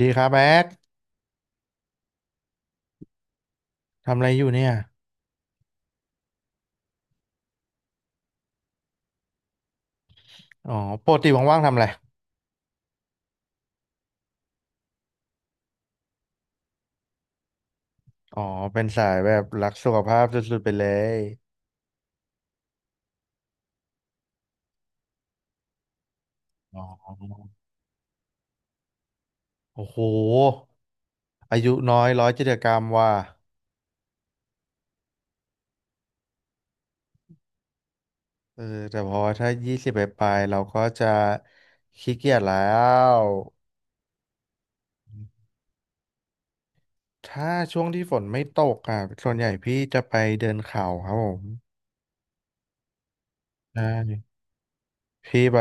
ดีครับแบ๊กทำอะไรอยู่เนี่ยอ๋อปกติว่างๆทำอะไรอ๋อเป็นสายแบบรักสุขภาพสุดๆไปเลยอ๋อโอ้โหอายุน้อยร้อยจิจกรรมว่ะเออแต่พอถ้ายี่สิบไปปลายๆเราก็จะขี้เกียจแล้วถ้าช่วงที่ฝนไม่ตกอ่ะส่วนใหญ่พี่จะไปเดินเขาครับผมใช่พี่ไป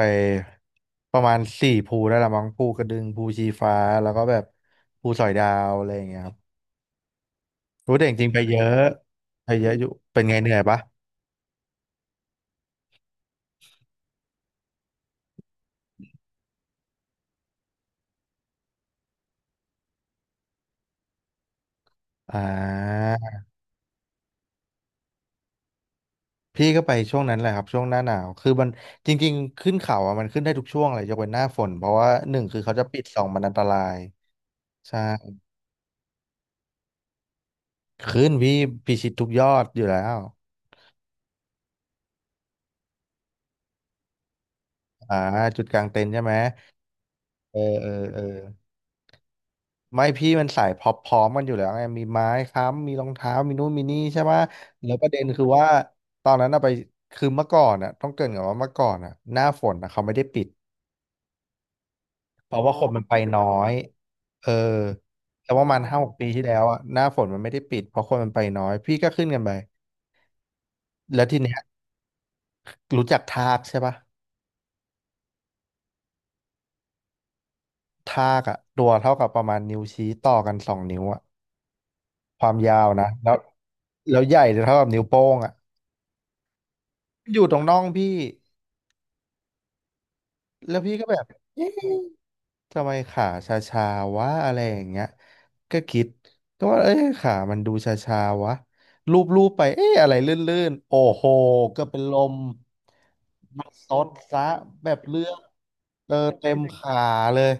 ประมาณสี่ภูได้ละมั้งภูกระดึงภูชีฟ้าแล้วก็แบบภูสอยดาวอะไรอย่างเงี้ยครับ รู้แต่จริงๆไปเยอะไปเยอะอยู่เป็นไงเหนื่อยปะอ่าพี่ก็ไปช่วงนั้นแหละครับช่วงหน้าหนาวคือมันจริงๆขึ้นเขาอ่ะมันขึ้นได้ทุกช่วงเลยยกเว้นหน้าฝนเพราะว่าหนึ่งคือเขาจะปิดสองมันอันตรายใช่ขึ้นพี่พิชิตทุกยอดอยู่แล้วอ่าจุดกลางเต็นท์ใช่ไหมเออเออเออไม่พี่มันสายพร้อมๆกันอยู่แล้วไงมีไม้ค้ำมีรองเท้ามีนู่นมีนี่ใช่ปะแล้วประเด็นคือว่าตอนนั้นอะไปคือเมื่อก่อนอะต้องเกริ่นก่อนว่าเมื่อก่อนอะหน้าฝนอะเขาไม่ได้ปิด เพราะว่าคนมันไปน้อยเออแต่วประมาณ5-6 ปีที่แล้วอะหน้าฝนมันไม่ได้ปิดเพราะคนมันไปน้อยพี่ก็ขึ้นกันไปแล้วทีเนี้ยรู้จักทากใช่ปะทากอะตัวเท่ากับประมาณนิ้วชี้ต่อกัน2 นิ้วอะความยาวนะแล้วแล้วใหญ่เท่ากับนิ้วโป้งอ่ะอยู่ตรงน่องพี่แล้วพี่ก็แบบเอ๊ะ ทำไมขาชาชาวะอะไรอย่างเงี้ยก็คิดก็ว่าเอ้ยขามันดูชาชาวะลูบลูบไปเอ้อะไรลื่นๆโอ้โหก็เป็นลมมันซดซะแบบเลือดเออเต็มขาเลย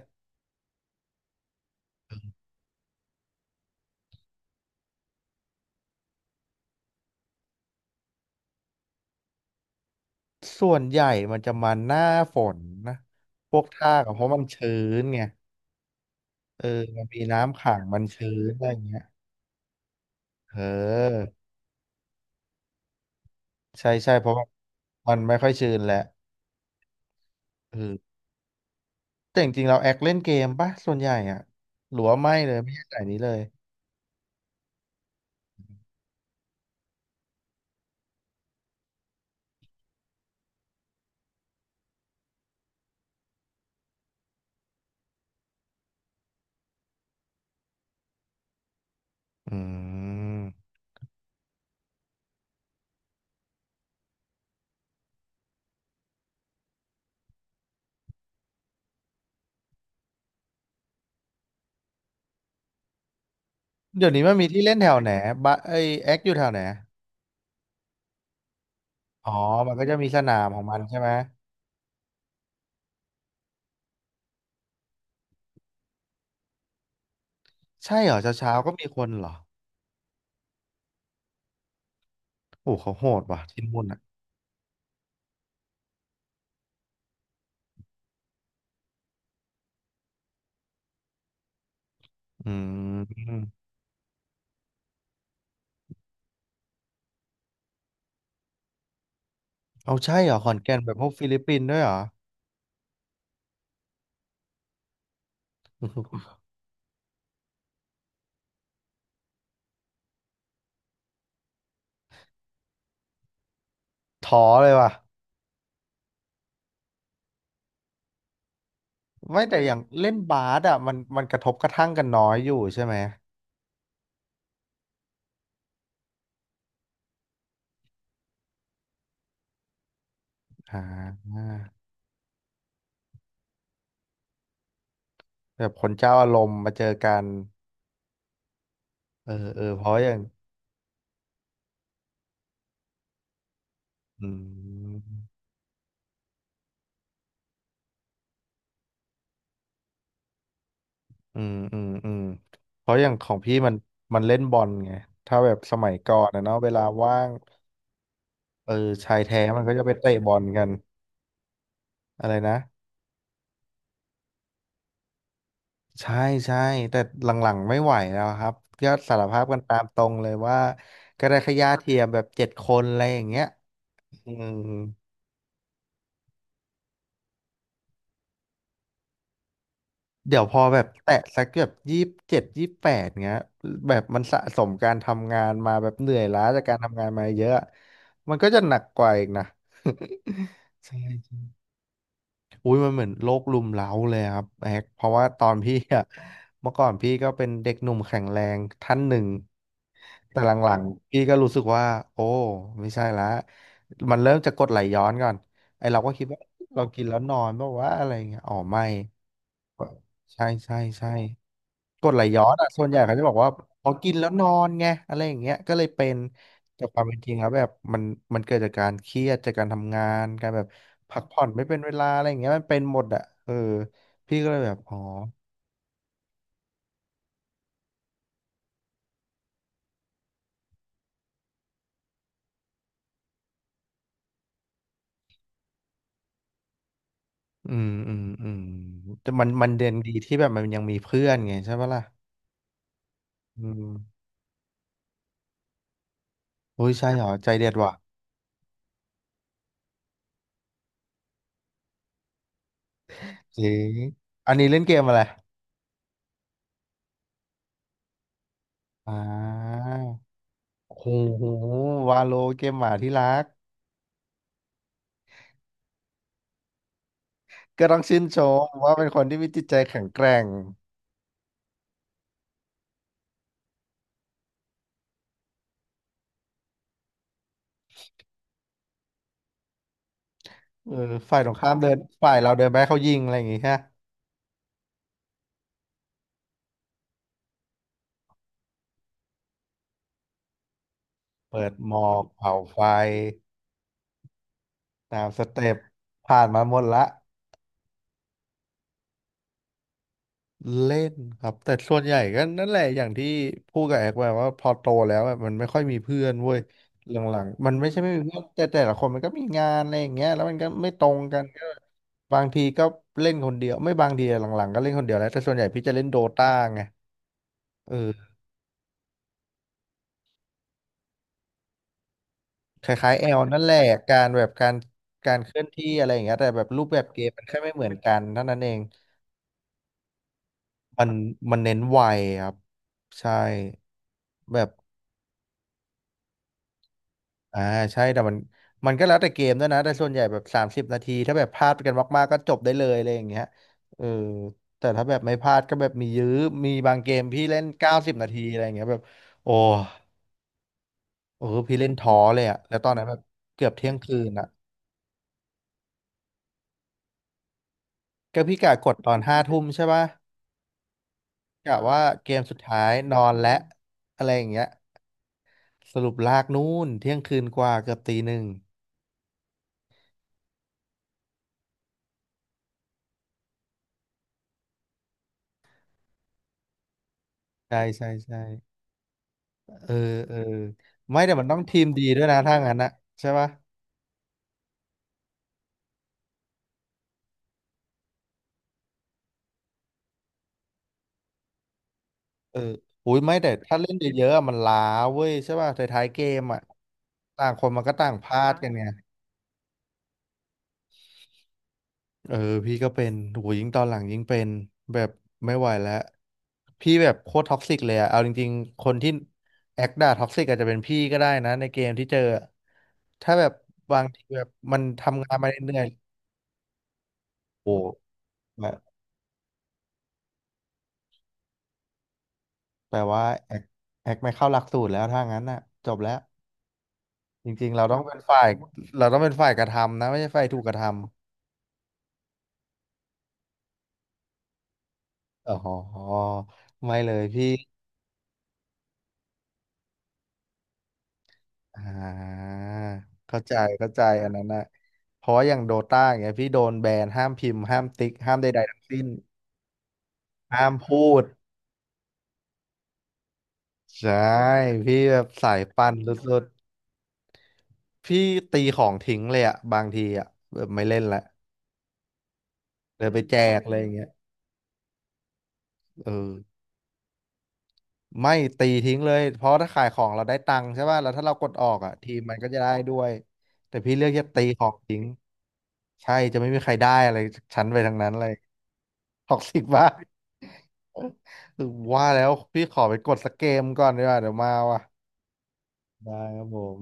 ส่วนใหญ่มันจะมาหน้าฝนนะพวกท่าก็เพราะมันชื้นไงเออมันมีน้ำขังมันชื้นอะไรอย่างเงี้ยเออใช่ใช่เพราะว่ามันไม่ค่อยชื้นแหละเออ แต่จริงๆเราแอคเล่นเกมปะส่วนใหญ่อ่ะหรือว่าไม่เลยไม่ใช่สายนี้เลยอืมเดี๋ยวนี้มันมีที่เล่นแถวไหนบะไอยแอคอยู่แถวไหนอ๋อมันก็จะมีสนามของมันใช่ไหมใช่เหรอเช้าเช้าก็มีคนเหรอโอ้เขาโหดว่ะที่นู่นอ่ะอืมเอาใช่เหรอขอนแก่นแบบพวกฟิลิปปินส์ด้วยเหรอ ท้อเลยว่ะไม่แต่อย่างเล่นบาสอ่ะมันมันกระทบกระทั่งกันน้อยอยู่ใช่ไหมอ่าแบบคนเจ้าอารมณ์มาเจอกันเออเออเพราะอย่าง อืมอืม อืม อืม เพราะอย่างของพี่มันมันเล่นบอลไง ถ้าแบบสมัยก่อนนะเนาะเวลาว่างเออชายแท้มันก็จะไปเตะบอลกันอะไรนะ ใช่ใช่แต่หลังๆไม่ไหวแล้วครับก็สารภาพกันตามตรงเลยว่าก็ได้แค่ญาติเทียมแบบเจ็ดคนอะไรอย่างเงี้ยอืม เดี๋ยวพอแบบแตะสักแบบ27-28เงี้ยแบบมันสะสมการทำงานมาแบบเหนื่อยล้าจากการทำงานมาเยอะมันก็จะหนักกว่าอีกนะ ใช่ใช่อุ้ยมันเหมือนโลกรุมเร้าเลยครับแฮกเพราะว่าตอนพี่อะเมื่อก่อนพี่ก็เป็นเด็กหนุ่มแข็งแรงท่านหนึ่งแต่หลังๆพี่ก็รู้สึกว่าโอ้ไม่ใช่ละมันเริ่มจะกดไหลย้อนก่อนไอเราก็คิดว่าเรากินแล้วนอนเพราะว่าอะไรเงี้ยอ๋อไม่ใช่ใช่ใช่ กรดไหลย้อนอ่ะส่วนใหญ่เขาจะบอกว่าพอกินแล้วนอนไงอะไรอย่างเงี้ยก็เลยเป็นแต่ความเป็นจริงแล้วแบบมันมันเกิดจากการเครียดจากการทำงานการแบบพักผ่อนไม่เป็นเวลาอะไรอย่างเงี้ยมันเป็นหมดอ่ะเออพี่ก็เลยแบบอ๋ออืมอืมอืมแต่มันเด่นดีที่แบบมันยังมีเพื่อนไงใช่ปะล่ะอืมโอ้ยใช่เหรอใจเด็ดว่ะเจ๋งอันนี้เล่นเกมอะไรอ่าโอ้โหวาโลเกมหมาที่รักก็ต้องชื่นชมว่าเป็นคนที่มีจิตใจแข็งแกร่ง เออฝ่ายตรงข้ามเดินฝ่ายเราเดินไปให้เขายิงอะไรอย่างงี้ฮะเปิดหมอกเผาไฟตามสเต็ปผ่านมาหมดละเล่นครับแต่ส่วนใหญ่ก็นั่นแหละอย่างที่พูดกับแอกไปว่าพอโตแล้วอะมันไม่ค่อยมีเพื่อนเว้ยหลังๆมันไม่ใช่ไม่มีเพื่อนแต่แต่ละคนมันก็มีงานอะไรอย่างเงี้ยแล้วมันก็ไม่ตรงกันก็บางทีก็เล่นคนเดียวไม่บางทีอะหลังๆก็เล่นคนเดียวแล้วแต่ส่วนใหญ่พี่จะเล่นโดตาไงเออ คล้ายๆแอลนั่นแหละการแบบการเคลื่อนที่อะไรอย่างเงี้ยแต่แบบรูปแบบเกมมันแค่ไม่เหมือนกันเท่านั้นเองมันมันเน้นไวครับใช่แบบอ่าใช่แต่มันก็แล้วแต่เกมด้วยนะแต่ส่วนใหญ่แบบ30 นาทีถ้าแบบพลาดกันมากๆก็จบได้เลยอะไรอย่างเงี้ยเออแต่ถ้าแบบไม่พลาดก็แบบมียื้อมีบางเกมพี่เล่น90 นาทีอะไรอย่างเงี้ยแบบโอ้โอ้พี่เล่นท้อเลยอะแล้วตอนนั้นแบบเกือบเที่ยงคืนอะก็พี่กะกดตอนห้าทุ่มใช่ปะ กะว่าเกมสุดท้ายนอนและอะไรอย่างเงี้ยสรุปลากนู่นเที่ยงคืนกว่าเกือบตีหนึ่งใช่ใช่ใช่เออเออไม่แต่มันต้องทีมดีด้วยนะถ้างั้นนะใช่ปะเอออุ้ยไม่แต่ถ้าเล่นเยอะๆอะมันล้าเว้ยใช่ปะท้ายๆเกมอ่ะต่างคนมันก็ต่างพลาดกันไง เออพี่ก็เป็นโหยิ่งตอนหลังยิ่งเป็นแบบไม่ไหวแล้วพี่แบบโคตรท็อกซิกเลยอะเอาจริงๆคนที่แอคด่าท็อกซิกอาจจะเป็นพี่ก็ได้นะในเกมที่เจออะถ้าแบบบางทีแบบมันทำงานมาเหนื่อยๆโอ้แบบแปลว่าแอคไม่เข้าหลักสูตรแล้วถ้างั้นน่ะจบแล้วจริงๆเราต้องเป็นฝ่ายเราต้องเป็นฝ่ายกระทำนะไม่ใช่ฝ่ายถูกกระทำอ๋อไม่เลยพี่ อ่าเข้าใจเข้าใจอันนั้นนะเพราะว่าอย่างโดต้าอย่างเงี้ยพี่โดนแบนห้ามพิมพ์ห้ามติ๊กห้ามใดๆทั้งสิ้นห้ามพูดใช่พี่แบบสายปั่นสุดๆพี่ตีของทิ้งเลยอะบางทีอะแบบไม่เล่นละเลยไปแจกเลยอย่างเงี้ยเออ ไม่ตีทิ้งเลยเพราะถ้าขายของเราได้ตังค์ใช่ป่ะแล้วถ้าเรากดออกอ่ะทีมมันก็จะได้ด้วยแต่พี่เลือกจะตีของทิ้งใช่จะไม่มีใครได้อะไรชั้นไปทางนั้นเลยท็อกซิกมาก ว่าแล้วพี่ขอไปกดสักเกมก่อนดีกว่าเดี๋ยวมาว่ะได้ครับผม